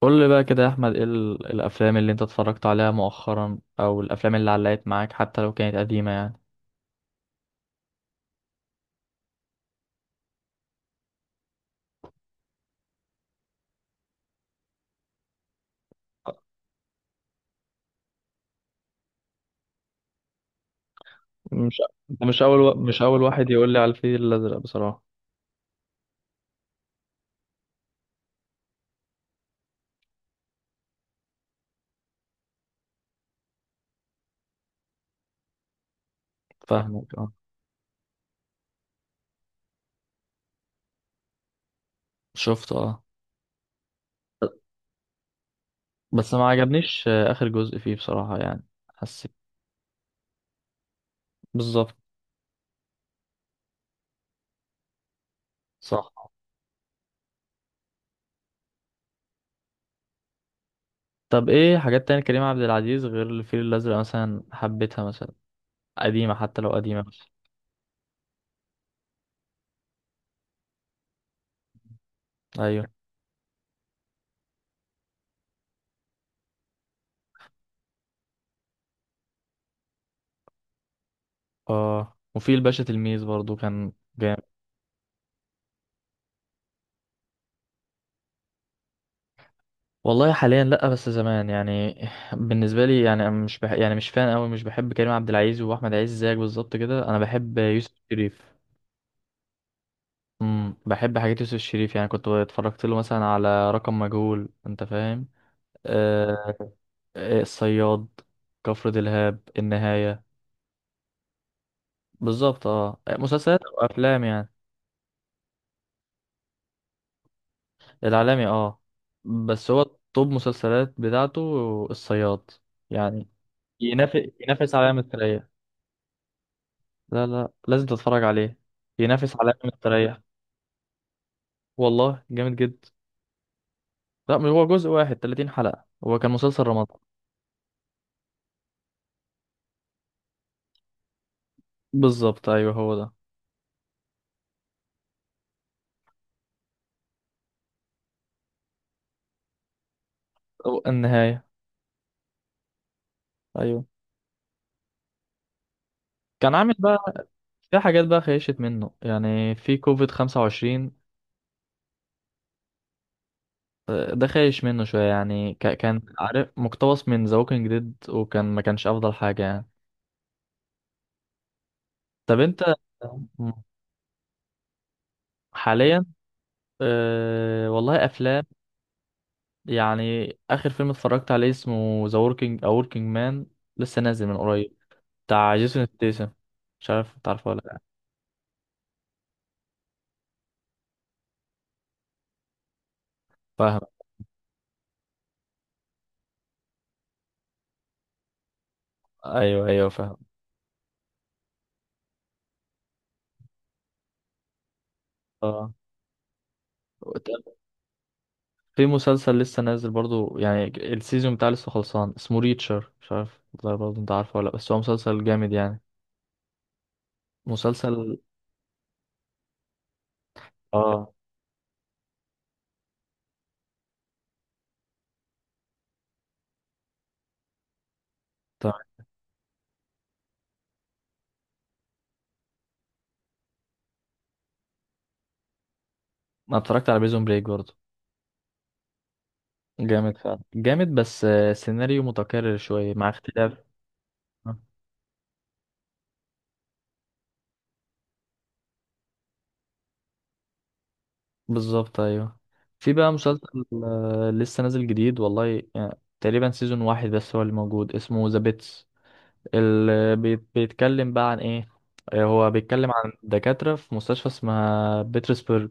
قول لي بقى كده يا احمد، ايه الافلام اللي انت اتفرجت عليها مؤخرا او الافلام اللي علقت معاك حتى لو كانت قديمة يعني؟ مش انت مش اول واحد يقول لي على الفيل الازرق بصراحه. فاهمك، اه. شفت، اه. بس ما عجبنيش اخر جزء فيه بصراحة يعني. حسيت. بالظبط. صح. طب ايه حاجات تانية كريم عبد العزيز غير الفيل الازرق مثلا حبيتها مثلا؟ قديمة، حتى لو قديمة مثلا. ايوه. اه، وفي الباشا تلميذ برضو كان جامد. والله حاليا لا، بس زمان يعني. بالنسبه لي يعني انا مش بح... يعني مش فان قوي، مش بحب كريم عبد العزيز واحمد عز زيك بالظبط كده. انا بحب يوسف شريف. بحب حاجات يوسف شريف، يعني كنت اتفرجت له مثلا على رقم مجهول، انت فاهم. آه... الصياد، كفر دلهاب، النهايه. بالظبط، اه، مسلسلات او افلام يعني. العالمي، اه. بس هو توب مسلسلات بتاعته الصياد يعني. ينافس عليها مثلية. لا لا، لازم تتفرج عليه. ينافس على عالم التريح. والله جامد جدا. لا، مش هو جزء واحد، 30 حلقة، هو كان مسلسل رمضان. بالظبط، ايوه، هو ده. أو النهاية. ايوه. كان عامل بقى. في حاجات بقى خيشت منه يعني، في كوفيد 25. ده خايش منه شوية يعني، كان عارف مقتبس من ذا ووكينج ديد، وكان ما كانش افضل حاجة يعني. طب انت حاليا؟ أه والله، افلام. يعني اخر فيلم اتفرجت عليه اسمه ذا وركينج او وركينج مان، لسه نازل من قريب، بتاع جيسون ستيسن. مش عارف تعرفه ولا لا. فاهم. ايوه ايوه فاهم. اه وت- في مسلسل لسه نازل برضو يعني، السيزون بتاعه لسه خلصان، اسمه ريتشر، مش عارف والله برضو انت عارفه ولا لأ، بس هو مسلسل جامد يعني. مسلسل. اه. تمام. انا اتفرجت على بريزون بريك برضو. جامد فعلا، جامد، بس سيناريو متكرر شوية مع اختلاف. بالظبط، ايوه. في بقى مسلسل لسه نازل جديد والله، يعني تقريبا سيزون واحد بس هو اللي موجود، اسمه ذا بيتس. اللي بيتكلم بقى عن ايه؟ هو بيتكلم عن دكاترة في مستشفى اسمها بيترسبرج.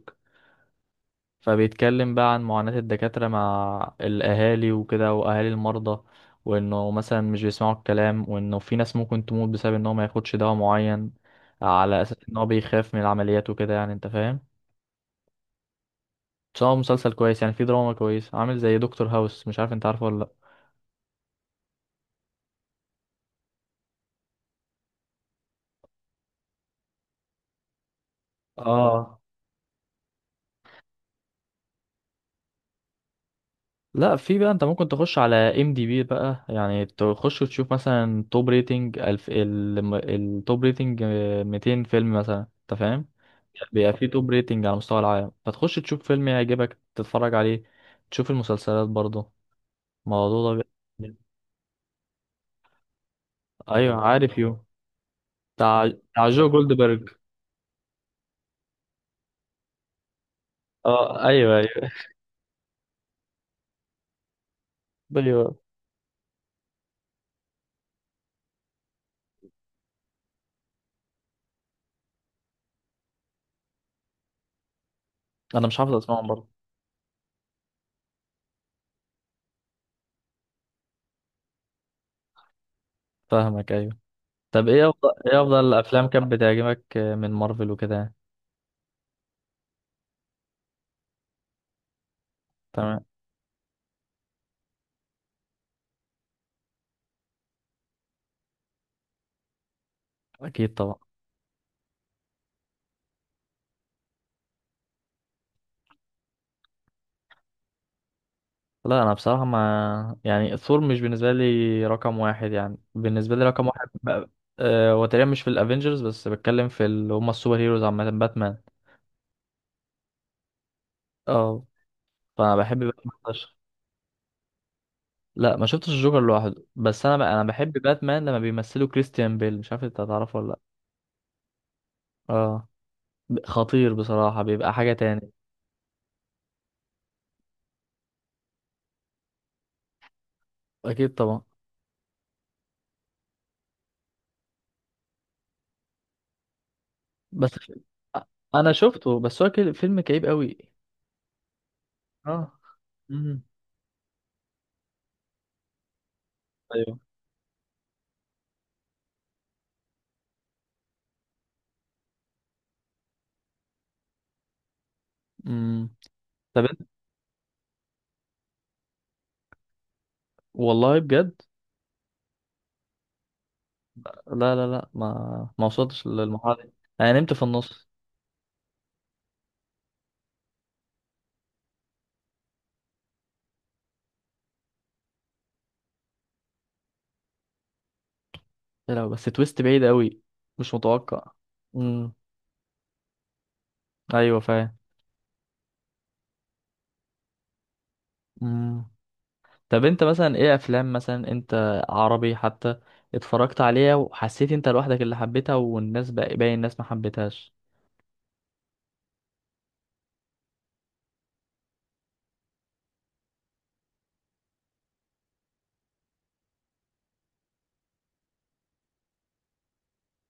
فبيتكلم بقى عن معاناة الدكاترة مع الأهالي وكده، وأهالي المرضى، وإنه مثلا مش بيسمعوا الكلام، وإنه في ناس ممكن تموت بسبب إن هو ما ياخدش دواء معين على أساس إن هو بيخاف من العمليات وكده يعني، أنت فاهم. بس هو مسلسل كويس يعني، فيه دراما كويس، عامل زي دكتور هاوس، مش عارف انت عارفه ولا لا. اه. لا، في بقى انت ممكن تخش على ام دي بي بقى، يعني تخش وتشوف مثلا توب ريتنج الف التوب ريتنج 200 فيلم مثلا، انت فاهم. بيبقى فيه توب ريتنج على مستوى العالم، فتخش تشوف فيلم يعجبك تتفرج عليه. تشوف المسلسلات برضه الموضوع ده. بي- ايوه، عارف يو. بتاع جو جولدبرج. اه، ايوه ايوه ايوه. انا مش حافظ اسمهم برضه. فاهمك، ايوه. طب ايه افضل الافلام كانت بتعجبك من مارفل وكده يعني؟ تمام. اكيد طبعا. لا انا بصراحه ما يعني، ثور مش بالنسبه لي رقم واحد، يعني بالنسبه لي رقم واحد بقى أه، وتقريبا مش في الافينجرز بس، بتكلم في اللي هم السوبر هيروز عامه، باتمان. اه. فانا بحب باتمان فشخ. لا ما شفتش الجوكر لوحده، بس انا بقى انا بحب باتمان لما بيمثله كريستيان بيل، مش عارف انت هتعرفه ولا لا. اه. خطير بصراحه، بيبقى حاجه تاني. اكيد طبعا. بس انا شفته، بس هو كده فيلم كئيب قوي. اه. امم. ايوه. امم. طب انت، والله بجد. لا لا لا، ما وصلتش للمرحله دي. انا نمت في النص. يا لهوي، بس تويست بعيد قوي، مش متوقع. امم. ايوه فاهم. امم. طب انت مثلا ايه افلام مثلا، انت عربي حتى، اتفرجت عليها وحسيت انت لوحدك اللي حبيتها والناس بقى، باقي الناس ما حبيتهاش؟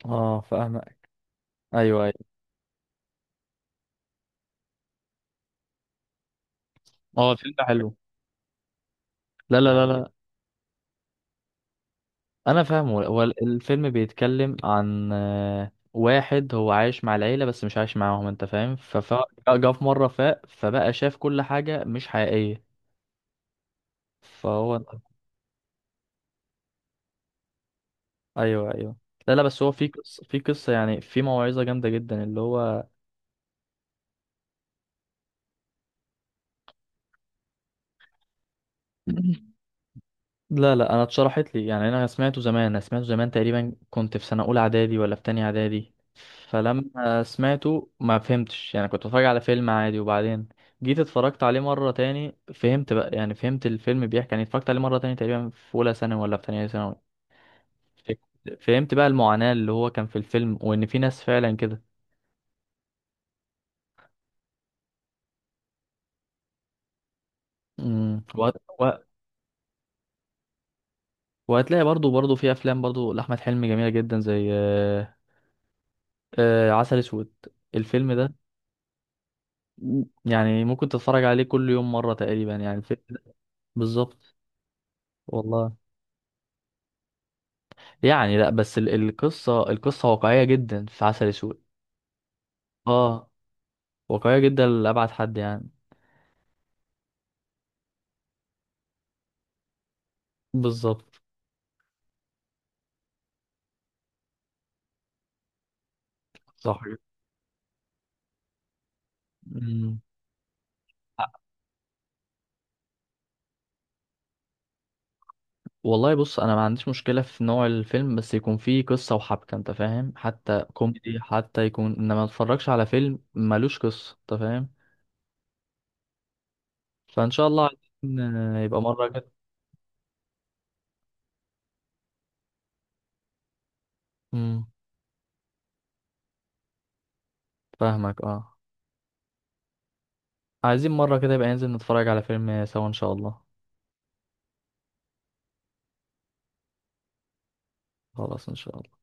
اه فاهمك. ايوه ايوه. اه الفيلم ده حلو. لا لا لا. انا فاهمه، هو الفيلم بيتكلم عن واحد هو عايش مع العيلة بس مش عايش معاهم، انت فاهم، فجا في مرة فاق، فبقى شاف كل حاجة مش حقيقية. فهو. ايوه ايوه. لا لا، بس هو في قصة يعني، في موعظة جامدة جدا اللي هو. لا لا، انا اتشرحت لي يعني. انا سمعته زمان، انا سمعته زمان تقريبا، كنت في سنه اولى اعدادي ولا في تانية اعدادي، فلما سمعته ما فهمتش يعني، كنت بتفرج على فيلم عادي. وبعدين جيت اتفرجت عليه مره تاني فهمت بقى، يعني فهمت الفيلم بيحكي يعني، اتفرجت عليه مره تاني تقريبا في اولى ثانوي ولا في تانية ثانوي، فهمت بقى المعاناه اللي هو كان في الفيلم، وان في ناس فعلا كده. امم وهت- وه- وهتلاقي برضو في افلام برضو لاحمد حلمي جميله جدا، زي عسل اسود. الفيلم ده يعني ممكن تتفرج عليه كل يوم مرة تقريبا يعني الفيلم ده. بالظبط. والله. يعني لا، بس القصة واقعية جدا في عسل اسود. اه. واقعية جدا لأبعد حد يعني. بالظبط. صح كده. مم. والله بص، انا ما عنديش مشكله في نوع الفيلم، بس يكون فيه قصه وحبكه، انت فاهم، حتى كوميدي حتى يكون، انما ما اتفرجش على فيلم ملوش قصه، انت فاهم. فان شاء الله عايزين، يبقى مره كده. امم. فاهمك اه. عايزين مرة كده يبقى ننزل نتفرج على فيلم سوا إن شاء الله. خلاص إن شاء الله.